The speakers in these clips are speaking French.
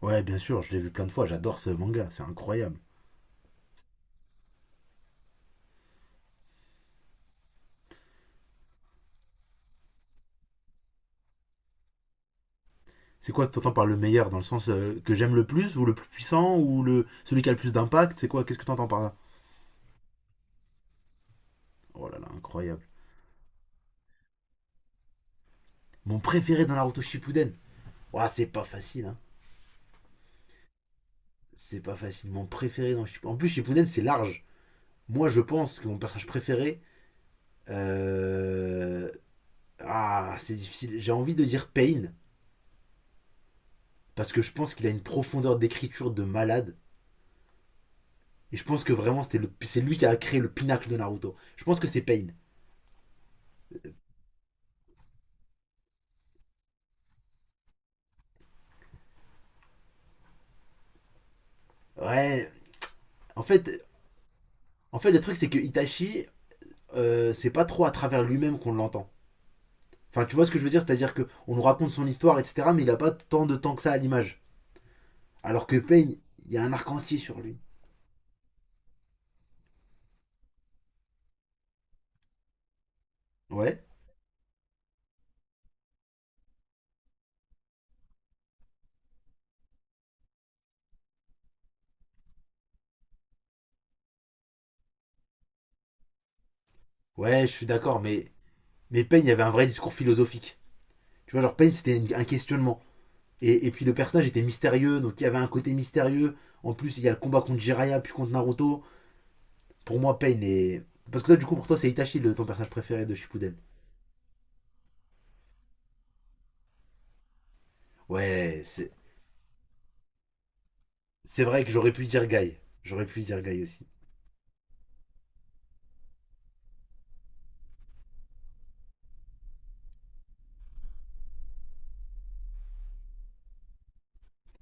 Ouais, bien sûr, je l'ai vu plein de fois, j'adore ce manga, c'est incroyable. C'est quoi que t'entends par le meilleur, dans le sens que j'aime le plus, ou le plus puissant, ou le celui qui a le plus d'impact? C'est quoi? Qu'est-ce que t'entends par là? Oh là là, incroyable. Mon préféré dans Naruto Shippuden. Ouah, c'est pas facile hein. C'est pas facile. Mon préféré dans Shippuden. En plus Shippuden c'est large. Moi je pense que mon personnage préféré euh, ah, c'est difficile. J'ai envie de dire Pain parce que je pense qu'il a une profondeur d'écriture de malade, et je pense que vraiment c'était le c'est lui qui a créé le pinacle de Naruto. Je pense que c'est Pain. Ouais, en fait, en fait le truc c'est que Itachi, c'est pas trop à travers lui-même qu'on l'entend. Enfin, tu vois ce que je veux dire, c'est-à-dire que on nous raconte son histoire, etc., mais il a pas tant de temps que ça à l'image. Alors que Pain, il y a un arc entier sur lui. Ouais, ouais, je suis d'accord, mais Pain, il y avait un vrai discours philosophique. Tu vois, genre Pain, c'était un questionnement. Et puis le personnage était mystérieux, donc il y avait un côté mystérieux. En plus, il y a le combat contre Jiraiya, puis contre Naruto. Pour moi, Pain est... Parce que toi, du coup, pour toi, c'est Itachi, le, ton personnage préféré de Shippuden. Ouais. C'est vrai que j'aurais pu dire Guy. J'aurais pu dire Guy aussi.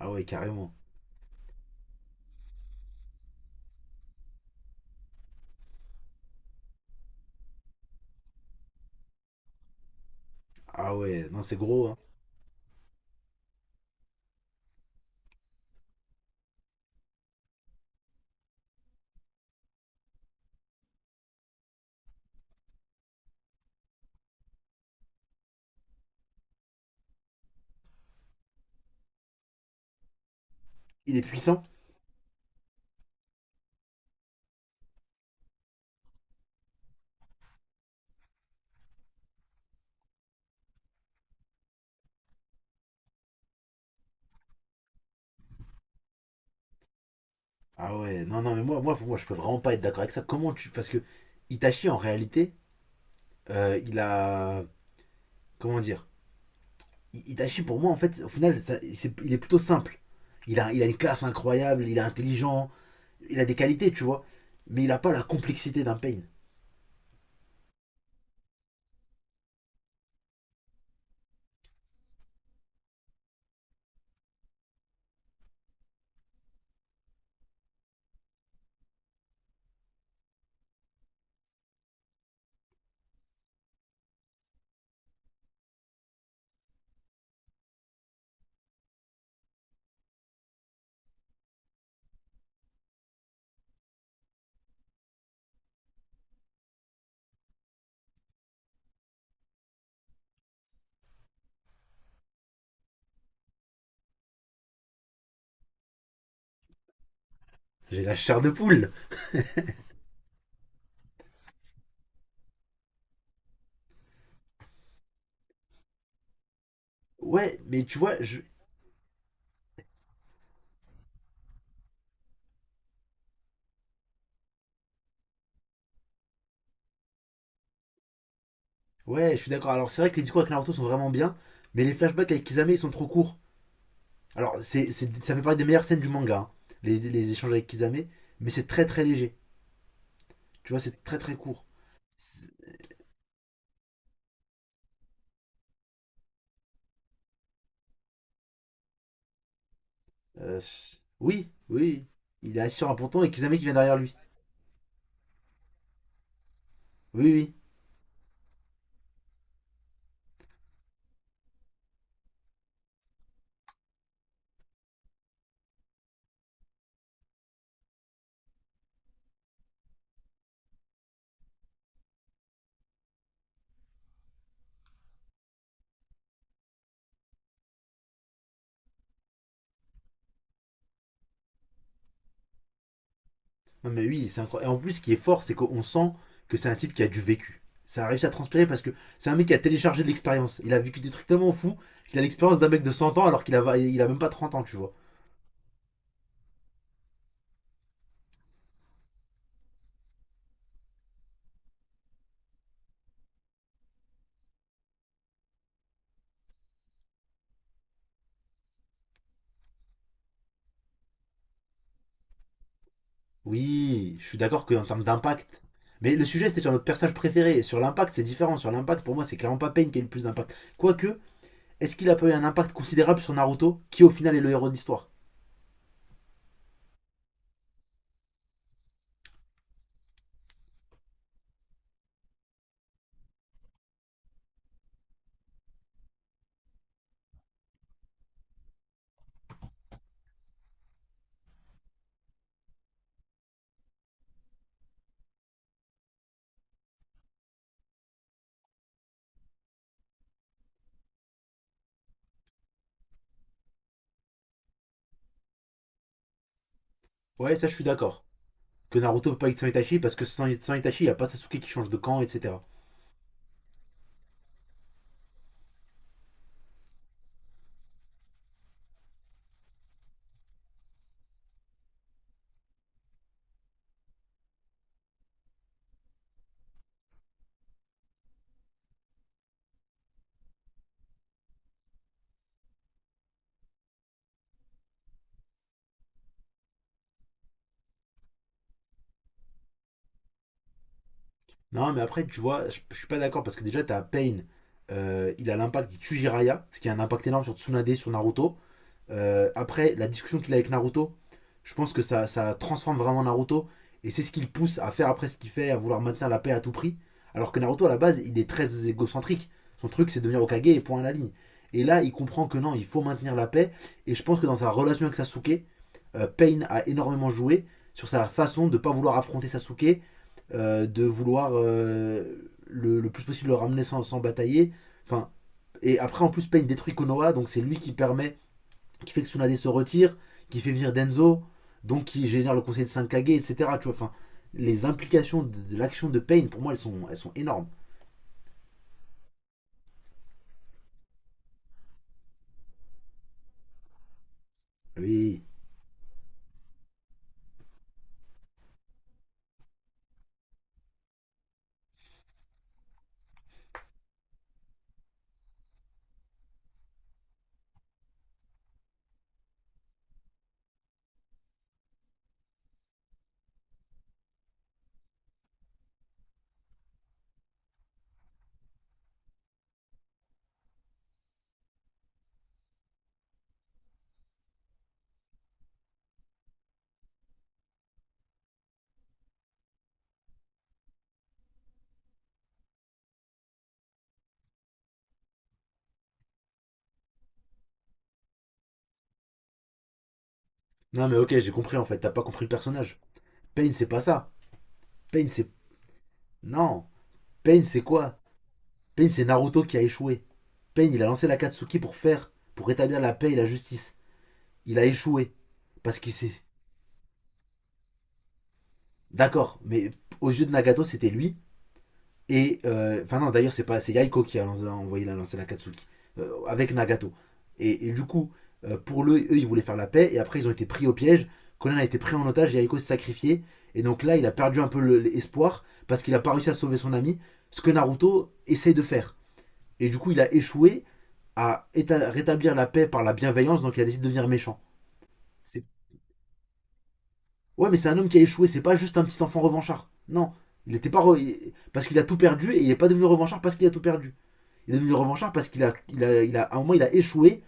Ah ouais, carrément. Ah ouais, non, c'est gros, hein. Il est puissant. Ah ouais, non, non, mais moi, pour moi, je peux vraiment pas être d'accord avec ça. Comment tu. Parce que Itachi, en réalité, il a. Comment dire. Itachi, pour moi, en fait, au final, il est plutôt simple. Il a une classe incroyable, il est intelligent, il a des qualités, tu vois. Mais il a pas la complexité d'un Pain. J'ai la chair de poule. Ouais, mais tu vois, je, ouais, je suis d'accord. Alors, c'est vrai que les discours avec Naruto sont vraiment bien, mais les flashbacks avec Kisame ils sont trop courts. Alors, ça fait partie des meilleures scènes du manga, hein, les échanges avec Kisame, mais c'est très très léger. Tu vois, c'est très très court. Euh, oui, oui, il est assis sur un ponton et Kisame qui vient derrière lui. Oui, oui. Non mais oui, c'est incroyable. Et en plus, ce qui est fort, c'est qu'on sent que c'est un type qui a du vécu. Ça a réussi à transpirer parce que c'est un mec qui a téléchargé de l'expérience. Il a vécu des trucs tellement fous qu'il a l'expérience d'un mec de 100 ans alors qu'il a, il a même pas 30 ans, tu vois. Oui, je suis d'accord qu'en termes d'impact. Mais le sujet, c'était sur notre personnage préféré. Et sur l'impact, c'est différent. Sur l'impact, pour moi, c'est clairement pas Pain qui a eu le plus d'impact. Quoique, est-ce qu'il a pas eu un impact considérable sur Naruto, qui au final est le héros de l'histoire? Ouais, ça, je suis d'accord. Que Naruto peut pas être sans Itachi, parce que sans Itachi, il n'y a pas Sasuke qui change de camp, etc. Non, mais après, tu vois, je suis pas d'accord, parce que déjà, t'as Pain, il a l'impact, il tue Jiraiya, ce qui a un impact énorme sur Tsunade, sur Naruto. Après, la discussion qu'il a avec Naruto, je pense que ça transforme vraiment Naruto. Et c'est ce qui le pousse à faire après ce qu'il fait, à vouloir maintenir la paix à tout prix. Alors que Naruto, à la base, il est très égocentrique. Son truc, c'est devenir Hokage et point à la ligne. Et là, il comprend que non, il faut maintenir la paix. Et je pense que dans sa relation avec Sasuke, Pain a énormément joué sur sa façon de ne pas vouloir affronter Sasuke, de vouloir le plus possible le ramener sans batailler. Enfin, et après, en plus, Pain détruit Konoha, donc c'est lui qui permet qui fait que Tsunade se retire, qui fait venir Denzo, donc qui génère le conseil de Sankage, etc. Tu vois, enfin, les implications de l'action de Pain, pour moi, elles sont énormes. Oui. Non, mais ok, j'ai compris en fait, t'as pas compris le personnage. Pain, c'est pas ça. Pain, c'est. Non. Pain, c'est quoi? Pain, c'est Naruto qui a échoué. Pain, il a lancé la Katsuki pour pour rétablir la paix et la justice. Il a échoué. Parce qu'il s'est. D'accord, mais aux yeux de Nagato, c'était lui. Et. Non, d'ailleurs, c'est pas. C'est Yaiko qui a envoyé la lancer la Katsuki. Avec Nagato. Et du coup, pour le, eux, ils voulaient faire la paix. Et après, ils ont été pris au piège. Conan a été pris en otage. Yaiko s'est sacrifié. Et donc là, il a perdu un peu l'espoir. Parce qu'il a pas réussi à sauver son ami. Ce que Naruto essaye de faire. Et du coup, il a échoué à rétablir la paix par la bienveillance. Donc il a décidé de devenir méchant. Ouais, mais c'est un homme qui a échoué. C'est pas juste un petit enfant revanchard. Non. Il était pas. Re- Parce qu'il a tout perdu. Et il n'est pas devenu revanchard parce qu'il a tout perdu. Il est devenu revanchard parce qu'à un moment, il a échoué.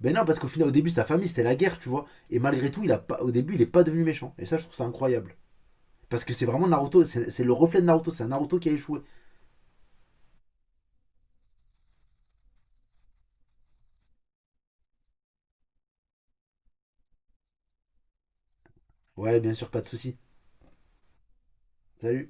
Ben non, parce qu'au final, au début, sa famille, c'était la guerre, tu vois. Et malgré tout, il a pas, au début, il est pas devenu méchant. Et ça, je trouve ça incroyable. Parce que c'est vraiment Naruto, c'est le reflet de Naruto, c'est un Naruto qui a échoué. Ouais, bien sûr, pas de souci. Salut.